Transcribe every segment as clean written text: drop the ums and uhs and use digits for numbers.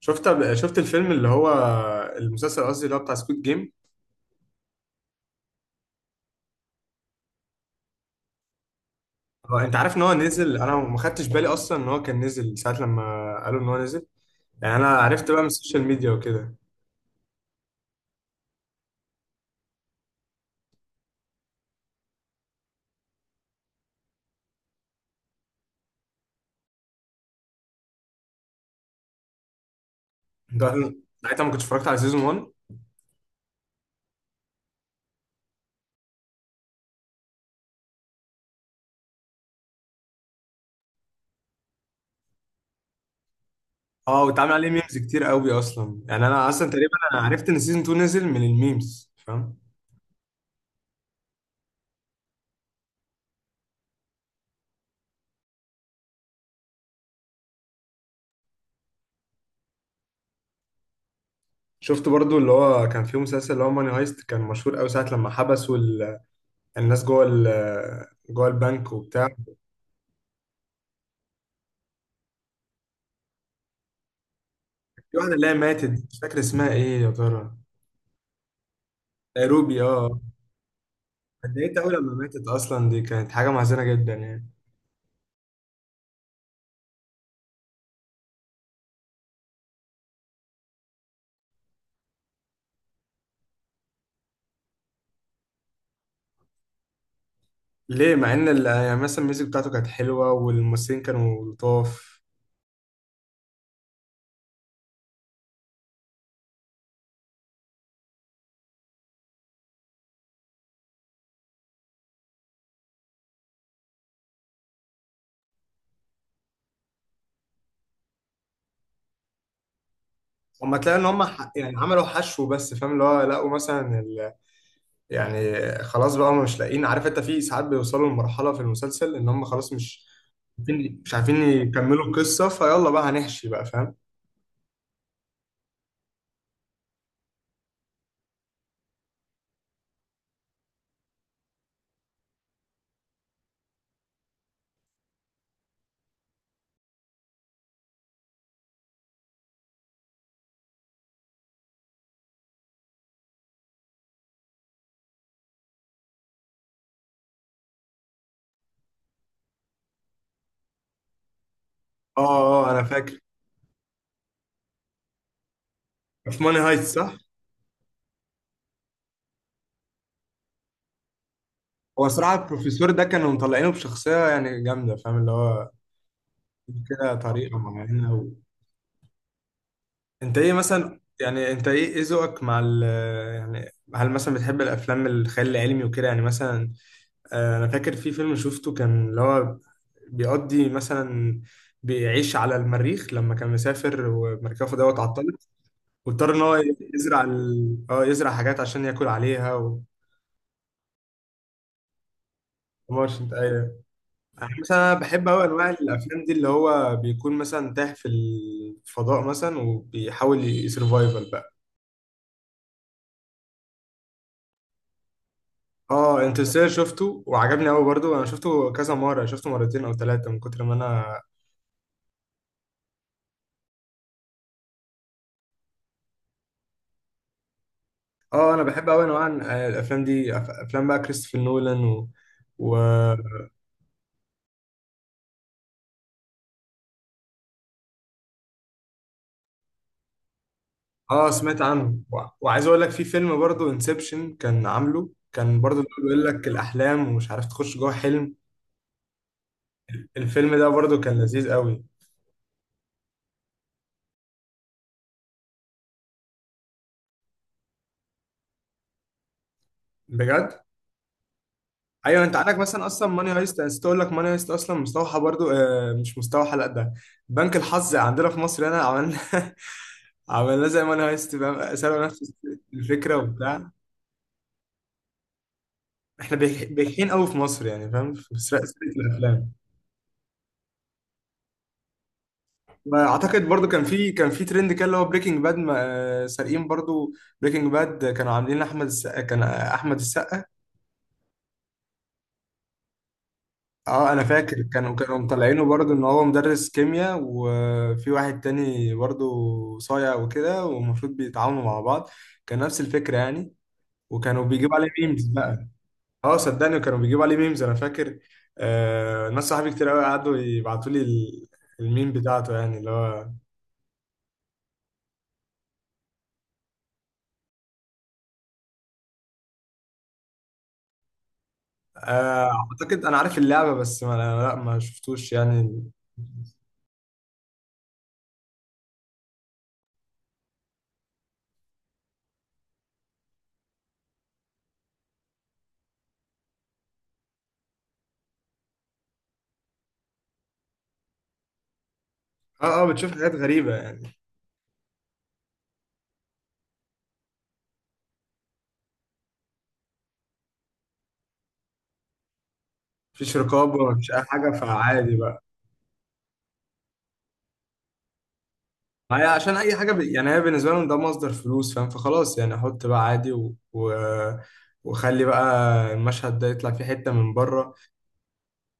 شفت الفيلم اللي هو المسلسل قصدي اللي هو بتاع سكوت جيم. انت عارف ان هو نزل؟ انا ما خدتش بالي اصلا ان هو كان نزل ساعه لما قالوا ان هو نزل. يعني انا عرفت بقى من السوشيال ميديا وكده. انت عارف- ساعتها ما كنتش اتفرجت على سيزون 1. اه واتعمل عليه ميمز كتير قوي اصلا، يعني انا اصلا تقريبا انا عرفت ان سيزون 2 نزل من الميمز فاهم. شفت برضو اللي هو كان فيه مسلسل اللي هو ماني هايست؟ كان مشهور قوي ساعه لما حبسوا الناس جوه البنك وبتاع. في واحده اللي هي ماتت، مش فاكر اسمها ايه يا ترى؟ نيروبي، اه. اتضايقت أوي لما ماتت أصلا، دي كانت حاجة محزنة جدا يعني. ليه، مع إن يعني مثلا الميوزك بتاعته كانت حلوة والممثلين كانوا لطاف؟ هما تلاقي إن هما يعني عملوا حشو، بس فاهم اللي هو لقوا مثلا ال... يعني خلاص بقى هما مش لاقيين، عارف أنت، في ساعات بيوصلوا لمرحلة في المسلسل إن هما خلاص مش عارفين، مش عارفين يكملوا القصة، فيلا بقى هنحشي بقى فاهم. اه اه، أنا فاكر في ماني هايت صح؟ هو صراحة البروفيسور ده كانوا مطلعينه بشخصية يعني جامدة، فاهم اللي هو كده طريقة معينة. انت ايه مثلا، يعني انت ايه ايه ذوقك مع ال، يعني هل مثلا بتحب الافلام الخيال العلمي وكده يعني مثلا؟ انا فاكر في فيلم شفته كان اللي هو بيقضي مثلا، بيعيش على المريخ لما كان مسافر ومركبه دوت عطلت، واضطر ان هو يزرع ال... اه يزرع حاجات عشان ياكل عليها و... ماشي انت ايوه. يعني مثلا انا بحب قوي انواع الافلام دي اللي هو بيكون مثلا تاه في الفضاء مثلا وبيحاول يسرفايفل بقى. اه، انترستيلر شفته وعجبني قوي برضو، انا شفته كذا مره، شفته مرتين او ثلاثه من كتر ما انا. اه انا بحب قوي انواع الافلام دي، افلام بقى كريستوفر نولان و... و... اه سمعت عنه و... وعايز اقول لك في فيلم برضو انسبشن، كان عامله كان برضو اللي هو بيقول لك الاحلام ومش عارف تخش جوه حلم. الفيلم ده برضو كان لذيذ قوي. بجد؟ ايوه، انت عندك مثلا اصلا ماني هايست، انا نسيت اقول لك ماني هايست اصلا مستوحى برضو، مش مستوحى لا ده بنك الحظ عندنا في مصر هنا عملنا عملناه زي ماني هايست فاهم، سألوا نفس الفكرة وبتاع. احنا بيحين قوي في مصر، يعني فاهم في سرقة الافلام. واعتقد برضو كان في ترند كده اللي هو بريكنج باد سارقين برضو. بريكنج باد كانوا عاملين احمد السقا كان، احمد السقا. اه انا فاكر كانوا مطلعينه برضو ان هو مدرس كيمياء، وفي واحد تاني برضو صايع وكده والمفروض بيتعاونوا مع بعض. كان نفس الفكرة يعني. وكانوا بيجيبوا عليه ميمز. اه صدقني كانوا بيجيبوا عليه ميمز، انا فاكر آه، ناس صحابي كتير قوي قعدوا يبعتوا لي الميم بتاعته يعني اللي هو. آه اعتقد انا عارف اللعبه، بس ما شفتوش يعني. اه اه، بتشوف حاجات غريبه يعني. مفيش رقابه، مفيش اي حاجه، فعادي بقى. ما هي عشان اي حاجه يعني هي بالنسبه لهم ده مصدر فلوس فاهم، فخلاص يعني احط بقى عادي و... و... وخلي بقى المشهد ده يطلع فيه حته من بره.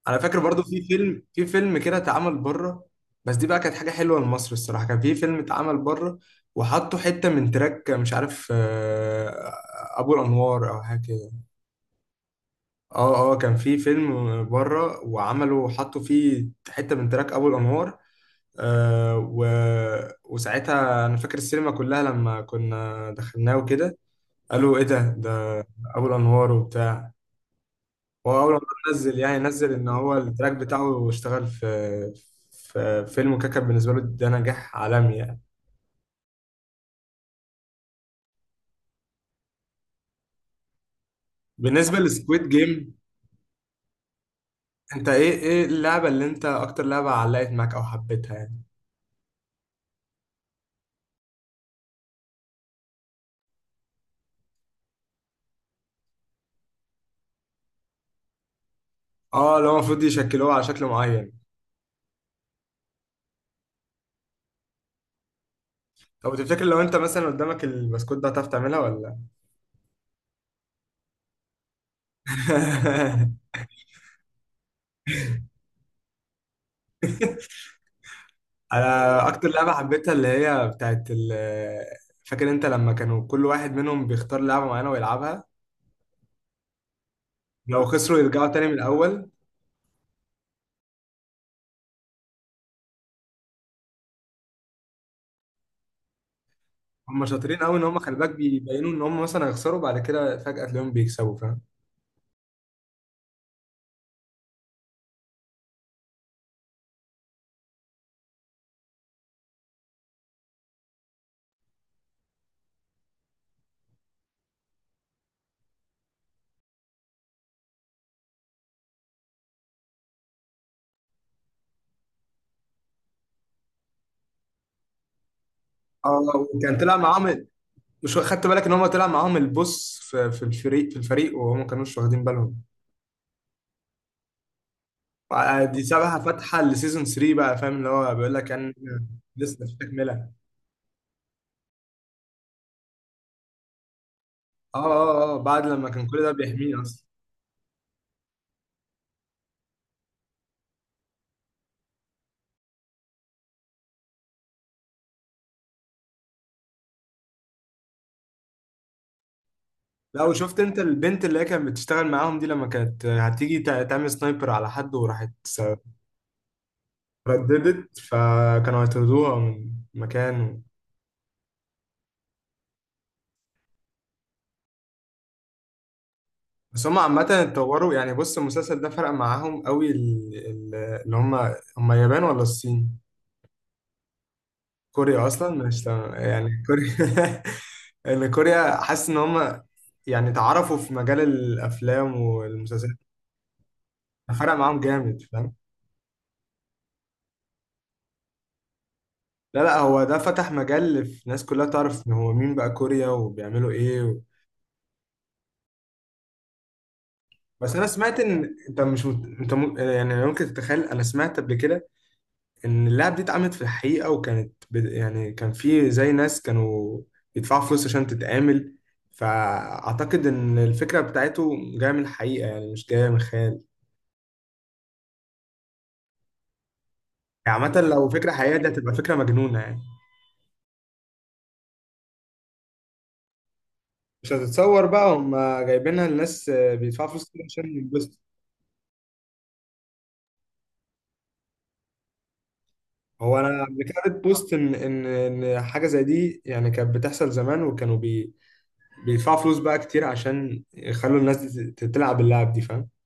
انا فاكر برضو في فيلم كده اتعمل بره. بس دي بقى كانت حاجه حلوه لمصر الصراحه، كان في فيلم اتعمل بره وحطوا حته من تراك، مش عارف ابو الانوار او حاجه كده. اه اه، كان في فيلم بره وعملوا حطوا فيه حته من تراك ابو الانوار، آه و... وساعتها انا فاكر السينما كلها لما كنا دخلناه وكده قالوا ايه ده ابو الانوار وبتاع. هو اول ما نزل، يعني نزل ان هو التراك بتاعه اشتغل في في فيلم كاكا، بالنسبه له ده نجاح عالمي يعني. بالنسبه لسكويد جيم، انت ايه ايه اللعبه اللي انت اكتر لعبه علقت معاك او حبيتها يعني؟ اه لو المفروض يشكلوها على شكل معين. طب تفتكر لو انت مثلا قدامك البسكوت ده هتعرف تعملها ولا؟ انا اكتر لعبه حبيتها اللي هي بتاعت فاكر انت لما كانوا كل واحد منهم بيختار لعبه معينه ويلعبها، لو خسروا يرجعوا تاني من الاول. هم شاطرين قوي ان هم خلي بالك بيبينوا ان هم مثلا هيخسروا، بعد كده فجأة تلاقيهم بيكسبوا فاهم. اه كان طلع معاهم، مش خدت بالك ان هم طلع معاهم البوس في الفريق وهم ما كانوش واخدين بالهم. دي سابها فاتحه لسيزون 3 بقى فاهم، اللي هو بيقول لك كان لسه في تكمله. اه اه اه، بعد لما كان كل ده بيحميه اصلا. لا وشفت انت البنت اللي هي كانت بتشتغل معاهم دي لما كانت هتيجي تعمل سنايبر على حد وراحت رددت، فكانوا هيطردوها من مكان. بس هم عامة اتطوروا يعني، بص المسلسل ده فرق معاهم قوي، اللي هم هم اليابان ولا الصين؟ كوريا أصلا مش تمام يعني، كوريا اللي كوريا حاسس إن هم يعني اتعرفوا في مجال الأفلام والمسلسلات، فرق معاهم جامد فاهم؟ لا لا، هو ده فتح مجال في ناس كلها تعرف إن هو مين بقى كوريا وبيعملوا إيه و... بس أنا سمعت إن أنت مش أنت يعني ممكن تتخيل، أنا سمعت قبل كده ان اللعب دي اتعملت في الحقيقة، وكانت يعني كان في زي ناس كانوا بيدفعوا فلوس عشان تتعمل، فأعتقد إن الفكرة بتاعته جاية من الحقيقة يعني، مش جاية من خيال. يعني عامة لو فكرة حقيقية دي هتبقى فكرة مجنونة يعني. مش هتتصور بقى هم جايبينها، الناس بيدفعوا فلوس كتير عشان يتبسطوا. هو أنا قبل كده قريت بوست إن إن حاجة زي دي يعني كانت بتحصل زمان، وكانوا بيدفعوا فلوس بقى كتير عشان يخلوا الناس دي تلعب اللعب دي فاهم